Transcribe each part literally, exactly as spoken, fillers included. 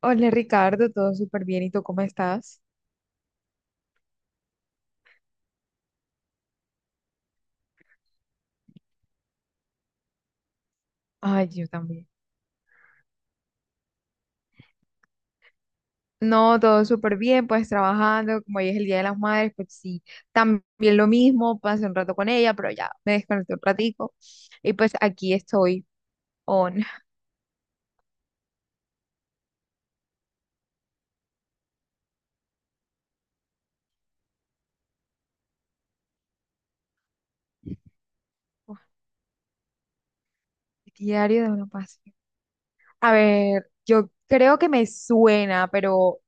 Hola Ricardo, todo súper bien. ¿Y tú cómo estás? Ay, yo también. No, todo súper bien, pues trabajando, como hoy es el Día de las Madres, pues sí, también lo mismo, pasé un rato con ella, pero ya me desconecté un ratico y pues aquí estoy on. Uf, diario de una pasión. A ver, yo creo que me suena, pero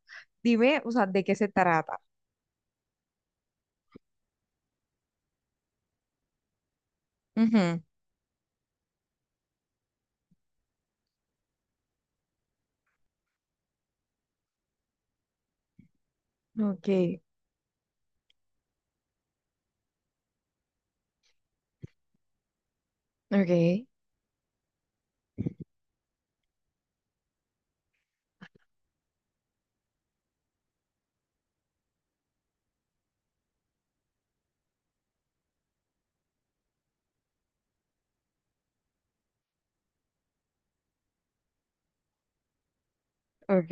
dime, o sea, ¿de qué se trata? Ujú. Ok, ok, ok.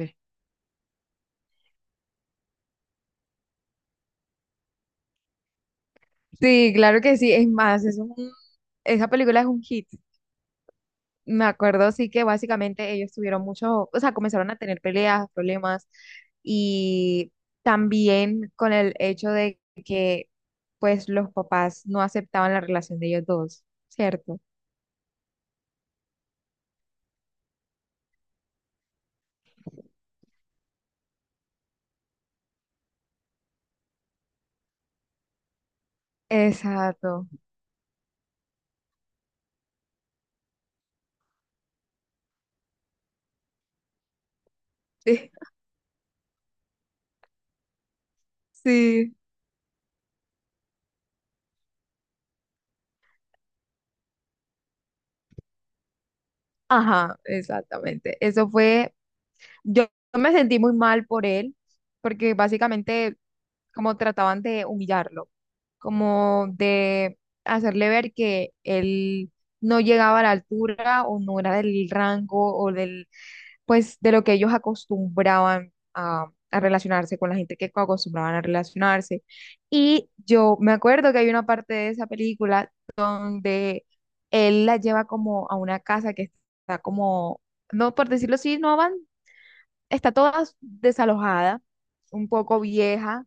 Sí, claro que sí, es más, es un, esa película es un hit. Me acuerdo, sí que básicamente ellos tuvieron mucho, o sea, comenzaron a tener peleas, problemas, y también con el hecho de que, pues, los papás no aceptaban la relación de ellos dos, ¿cierto? Exacto. Sí, sí. Ajá, exactamente. Eso fue. Yo me sentí muy mal por él, porque básicamente como trataban de humillarlo, como de hacerle ver que él no llegaba a la altura o no era del rango o del, pues, de lo que ellos acostumbraban a, a relacionarse con la gente que acostumbraban a relacionarse. Y yo me acuerdo que hay una parte de esa película donde él la lleva como a una casa que está como, no por decirlo así, no está toda desalojada, un poco vieja.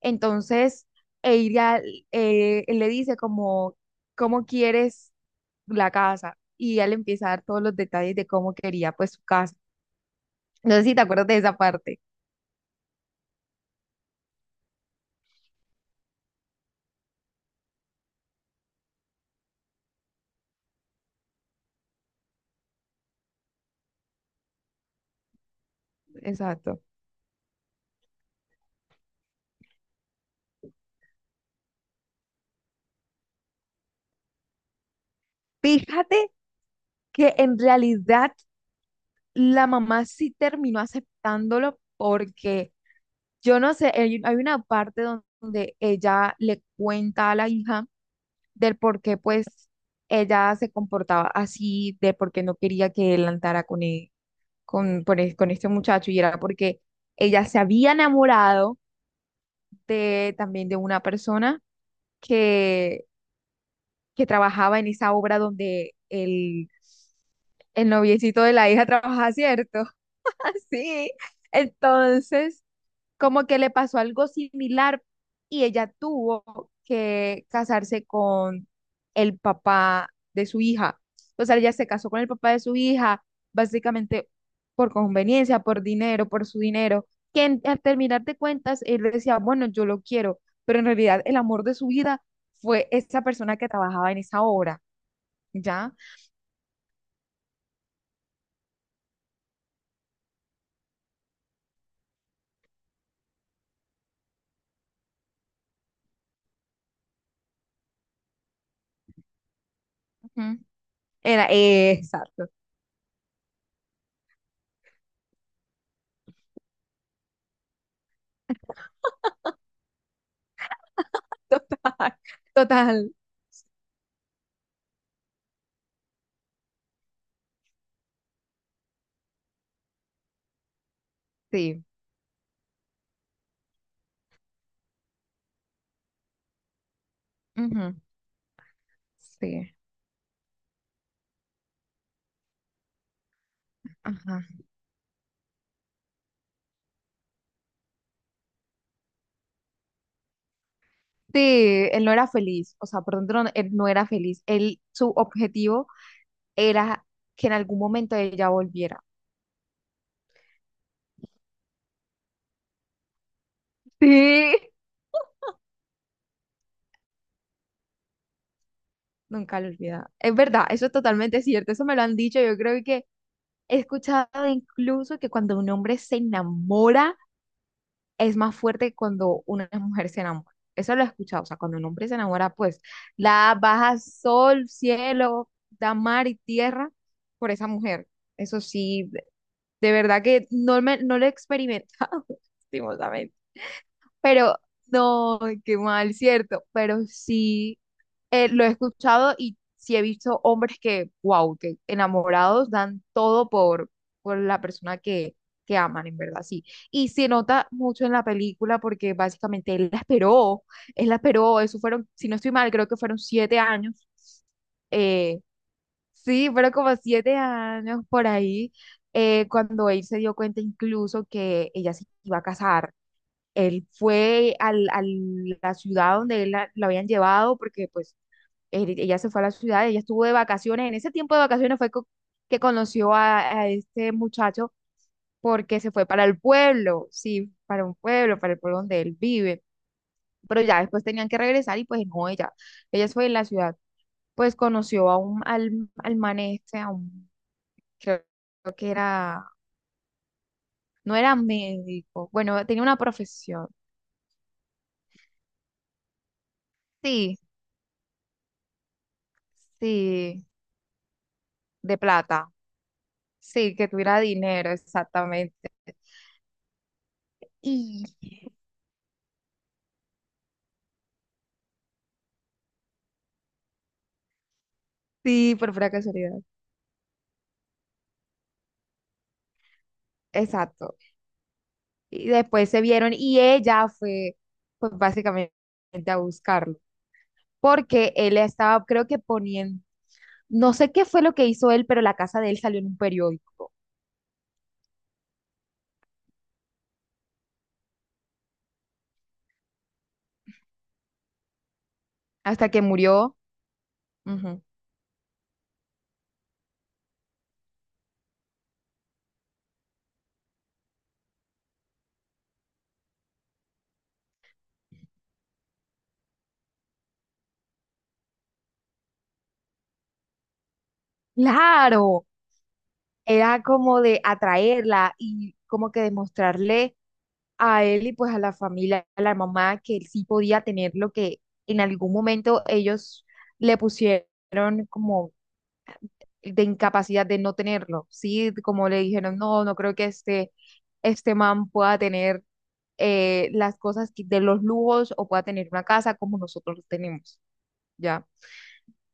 Entonces, ella eh, él le dice como, ¿cómo quieres la casa? Y ella le empieza a dar todos los detalles de cómo quería pues su casa. No sé si te acuerdas de esa parte. Exacto. Fíjate que en realidad la mamá sí terminó aceptándolo porque yo no sé, hay, hay una parte donde ella le cuenta a la hija del por qué pues ella se comportaba así, de por qué no quería que él andara con, e- con, por e- con este muchacho y era porque ella se había enamorado de, también de una persona que, que trabajaba en esa obra donde el, el noviecito de la hija trabajaba, ¿cierto? Así. Entonces, como que le pasó algo similar y ella tuvo que casarse con el papá de su hija. O sea, ella se casó con el papá de su hija, básicamente por conveniencia, por dinero, por su dinero, que en- al terminar de cuentas, él decía, bueno, yo lo quiero, pero en realidad el amor de su vida fue esa persona que trabajaba en esa obra, ¿ya? Ujú. Era, eh, exacto, total, total, sí, ujú, sí, ajá. Sí, él no era feliz, o sea, perdón, no, él no era feliz. Él, su objetivo era que en algún momento ella volviera. Sí. Nunca lo olvida. Es verdad, eso es totalmente cierto, eso me lo han dicho. Yo creo que he escuchado incluso que cuando un hombre se enamora es más fuerte que cuando una mujer se enamora. Eso lo he escuchado, o sea, cuando un hombre se enamora, pues la baja sol, cielo, da mar y tierra por esa mujer. Eso sí, de verdad que no, me, no lo he experimentado, lastimosamente. Pero no, qué mal, cierto. Pero sí eh, lo he escuchado y sí he visto hombres que, wow, que enamorados dan todo por, por la persona que, que aman, en verdad, sí. Y se nota mucho en la película porque básicamente él la esperó, él la esperó, eso fueron, si no estoy mal, creo que fueron siete años eh, sí, fueron como siete años por ahí, eh, cuando él se dio cuenta incluso que ella se iba a casar. Él fue al, a la ciudad donde él la, la habían llevado, porque pues él- ella se fue a la ciudad, ella estuvo de vacaciones. En ese tiempo de vacaciones fue co- que conoció a, a este muchacho porque se fue para el pueblo, sí, para un pueblo, para el pueblo donde él vive. Pero ya después tenían que regresar y pues no, ella, ella fue en la ciudad pues conoció a un, al, al man este, a un creo que era, no era médico, bueno, tenía una profesión, sí, sí, de plata, sí, que tuviera dinero, exactamente. Y sí, por pura casualidad, exacto. Y después se vieron y ella fue, pues básicamente a buscarlo, porque él estaba, creo que poniendo, no sé qué fue lo que hizo él, pero la casa de él salió en un periódico, hasta que murió. Ujú. Claro, era como de atraerla y como que demostrarle a él y pues a la familia, a la mamá, que él sí podía tener lo que en algún momento ellos le pusieron como de incapacidad de no tenerlo, ¿sí? Como le dijeron, no, no creo que este, este man pueda tener eh, las cosas que- de los lujos o pueda tener una casa como nosotros lo tenemos, ¿ya?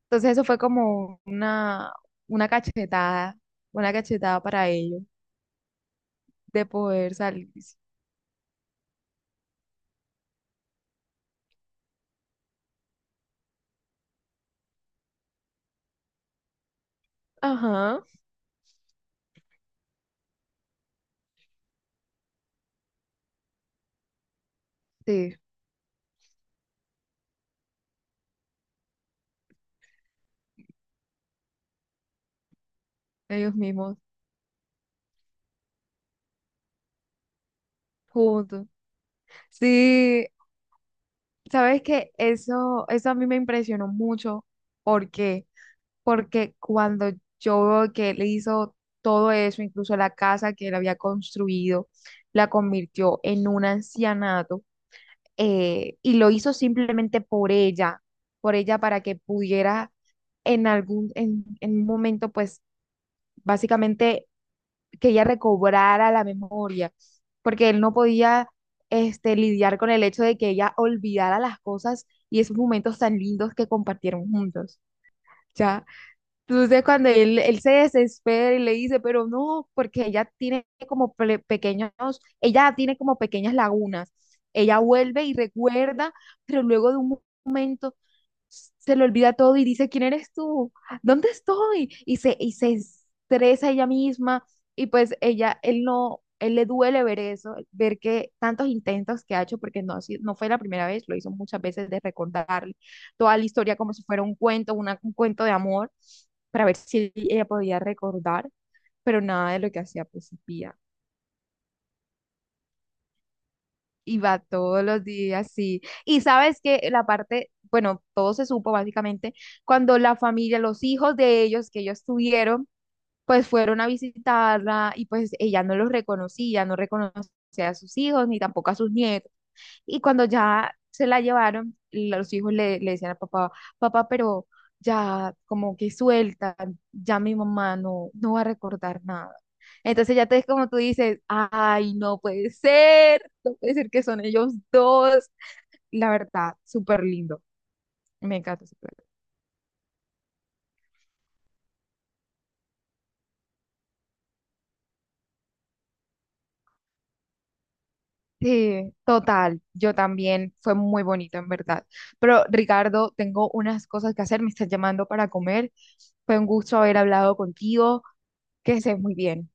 Entonces eso fue como una, una cachetada, una cachetada para ellos. De poder salir. Ajá, sí, ellos mismos, juntos. Sí, sabes que eso, eso a mí me impresionó mucho. ¿Por qué? Porque cuando yo veo que él hizo todo eso, incluso la casa que él había construido, la convirtió en un ancianato eh, y lo hizo simplemente por ella, por ella para que pudiera en algún, en, en un momento, pues básicamente que ella recobrara la memoria, porque él no podía este, lidiar con el hecho de que ella olvidara las cosas y esos momentos tan lindos que compartieron juntos. Ya. Entonces cuando él, él se desespera y le dice, pero no, porque ella tiene como ple- pequeños, ella tiene como pequeñas lagunas. Ella vuelve y recuerda, pero luego de un momento se le olvida todo y dice, ¿quién eres tú? ¿Dónde estoy? Y se, y se estresa ella misma y pues ella, él no, él le duele ver eso, ver que tantos intentos que ha hecho, porque no, ha sido- no fue la primera vez, lo hizo muchas veces de recordarle toda la historia como si fuera un cuento, una- un cuento de amor, para ver si ella podía recordar, pero nada de lo que hacía pues servía. Y va todos los días, sí. Y sabes que la parte, bueno, todo se supo básicamente cuando la familia, los hijos de ellos que ellos tuvieron, pues fueron a visitarla y pues ella no los reconocía, no reconocía a sus hijos ni tampoco a sus nietos. Y cuando ya se la llevaron, los hijos le, le decían a papá, papá, pero ya como que suelta, ya mi mamá no, no va a recordar nada. Entonces ya te es como tú dices, ay, no puede ser, no puede ser que son ellos dos. La verdad, súper lindo, me encanta. Súper. Sí, total, yo también, fue muy bonito en verdad. Pero Ricardo, tengo unas cosas que hacer, me estás llamando para comer. Fue un gusto haber hablado contigo, que estés muy bien.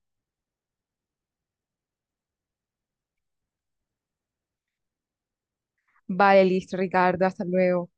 Vale, listo, Ricardo, hasta luego.